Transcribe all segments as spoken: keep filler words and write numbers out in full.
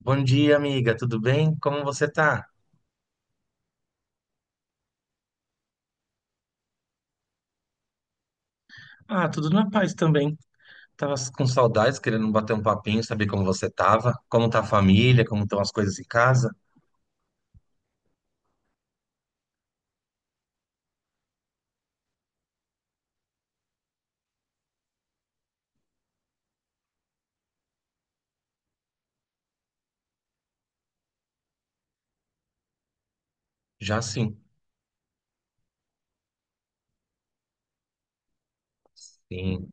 Bom dia, amiga. Tudo bem? Como você tá? Ah, tudo na paz também. Tava com saudades, querendo bater um papinho, saber como você tava, como tá a família, como estão as coisas em casa. Já sim. Sim.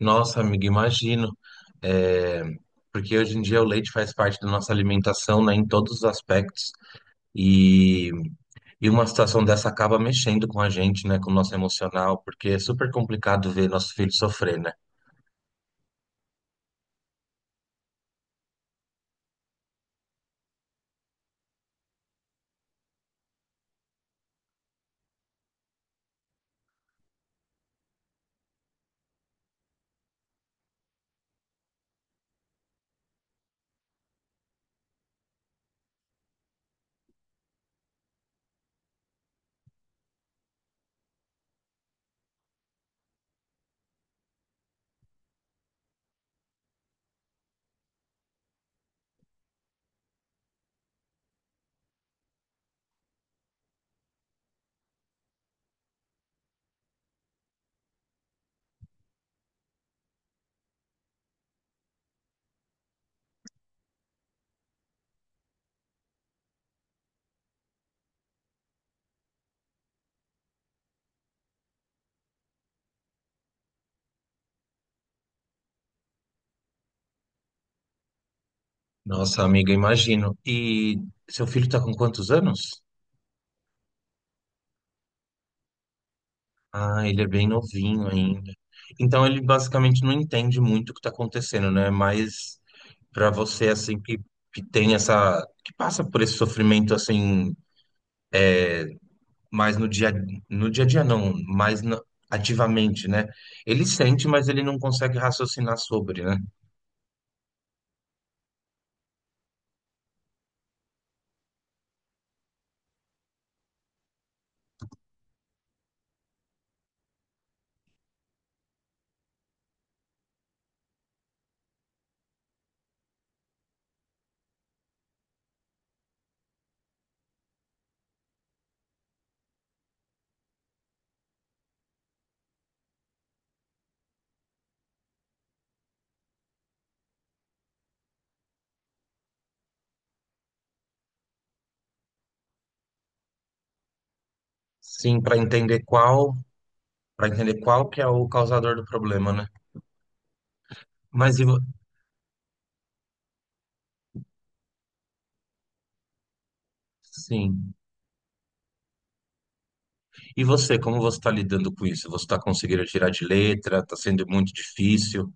Nossa, amiga, imagino. É, porque hoje em dia o leite faz parte da nossa alimentação, né, em todos os aspectos. E... e uma situação dessa acaba mexendo com a gente, né, com o nosso emocional, porque é super complicado ver nosso filho sofrer, né? Nossa, amiga, imagino. E seu filho tá com quantos anos? Ah, ele é bem novinho ainda. Então ele basicamente não entende muito o que está acontecendo, né? Mas para você assim que, que tem essa que passa por esse sofrimento assim mais no dia no dia a dia não, mais na- ativamente, né? Ele sente, mas ele não consegue raciocinar sobre, né? Sim, para entender qual para entender qual que é o causador do problema, né? Mas e vo- sim. E você, como você está lidando com isso? Você está conseguindo tirar de letra? Está sendo muito difícil?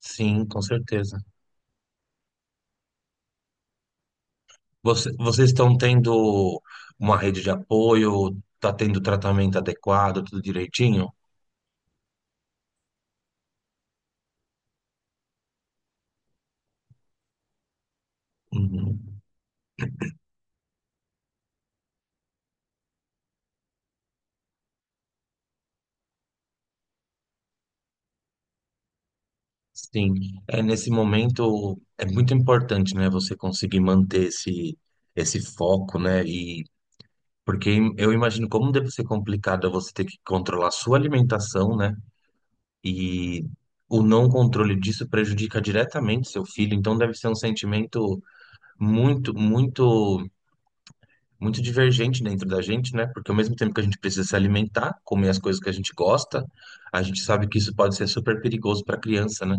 Sim, com certeza. Você- vocês estão tendo uma rede de apoio, está tendo tratamento adequado, tudo direitinho? Uhum. Sim, é nesse momento é muito importante, né, você conseguir manter esse esse foco, né? E porque eu imagino como deve ser complicado é você ter que controlar a sua alimentação, né? E o não controle disso prejudica diretamente seu filho, então deve ser um sentimento muito, muito muito divergente dentro da gente, né? Porque ao mesmo tempo que a gente precisa se alimentar, comer as coisas que a gente gosta, a gente sabe que isso pode ser super perigoso para criança, né?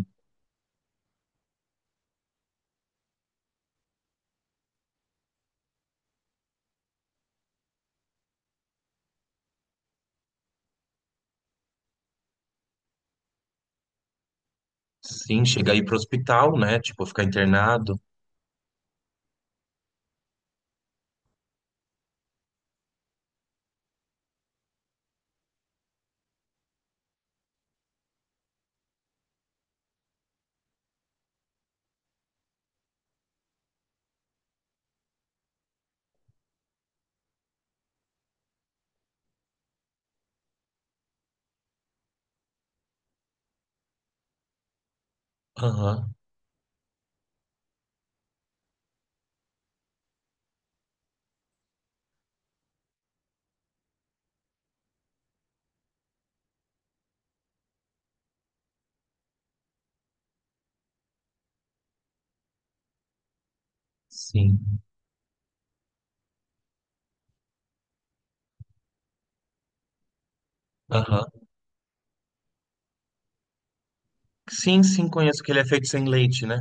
Sim, chegar aí pro hospital, né? Tipo, ficar internado. Aham, sim. Aham. Sim, sim, conheço que ele é feito sem leite, né?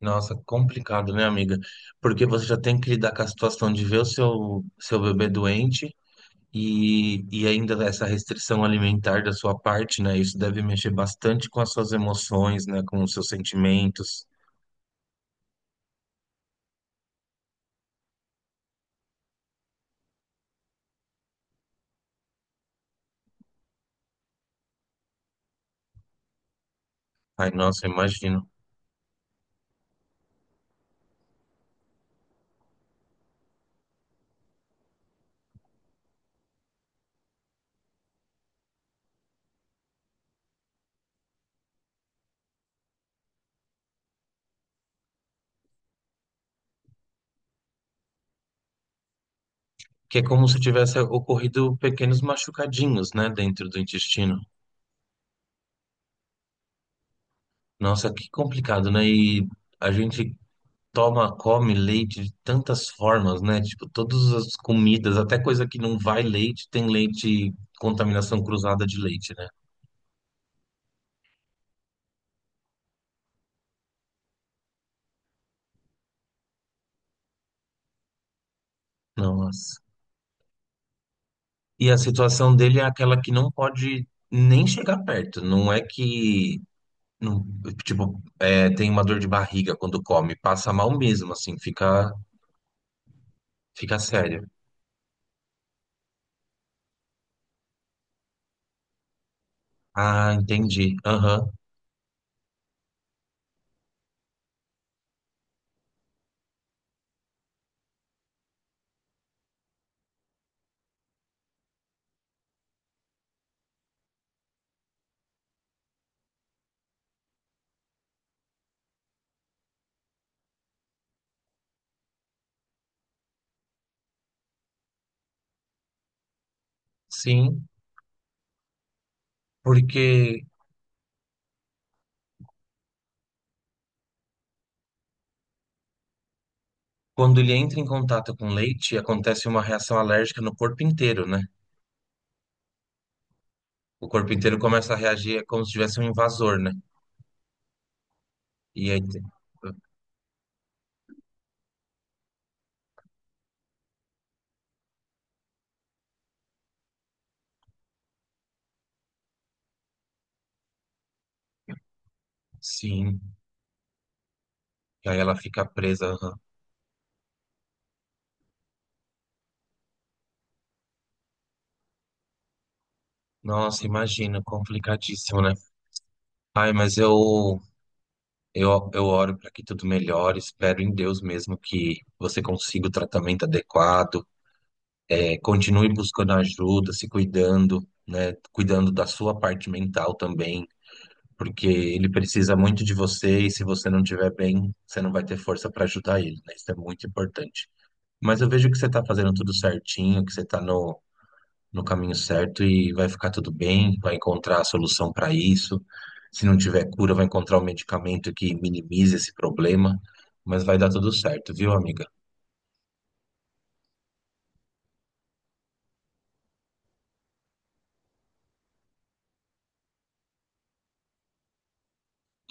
Nossa, complicado, né, amiga? Porque você já tem que lidar com a situação de ver o seu, seu bebê doente. E, e ainda essa restrição alimentar da sua parte, né? Isso deve mexer bastante com as suas emoções, né? Com os seus sentimentos. Ai, nossa, eu imagino. Que é como se tivesse ocorrido pequenos machucadinhos, né? Dentro do intestino. Nossa, que complicado, né? E a gente toma, come leite de tantas formas, né? Tipo, todas as comidas, até coisa que não vai leite, tem leite, contaminação cruzada de leite, né? Nossa. E a situação dele é aquela que não pode nem chegar perto. Não é que, não- tipo, é, tem uma dor de barriga quando come, passa mal mesmo, assim, fica, fica sério. Ah, entendi. Aham, sim. Porque quando ele entra em contato com leite, acontece uma reação alérgica no corpo inteiro, né? O corpo inteiro começa a reagir, é como se tivesse um invasor, né? E aí, tem- sim. E aí ela fica presa. Aham. Nossa, imagina, complicadíssimo, né? Ai, mas eu Eu, eu oro para que tudo melhore, espero em Deus mesmo que você consiga o tratamento adequado, é, continue buscando ajuda, se cuidando, né, cuidando da sua parte mental também, porque ele precisa muito de você e se você não estiver bem, você não vai ter força para ajudar ele, né? Isso é muito importante. Mas eu vejo que você está fazendo tudo certinho, que você está no caminho certo e vai ficar tudo bem, vai encontrar a solução para isso. Se não tiver cura, vai encontrar um medicamento que minimize esse problema, mas vai dar tudo certo, viu, amiga?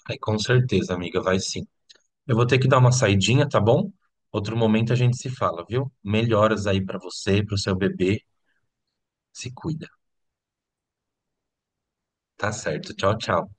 Aí com certeza, amiga, vai sim. Eu vou ter que dar uma saidinha, tá bom? Outro momento a gente se fala, viu? Melhoras aí para você, para o seu bebê. Se cuida. Tá certo. Tchau, tchau.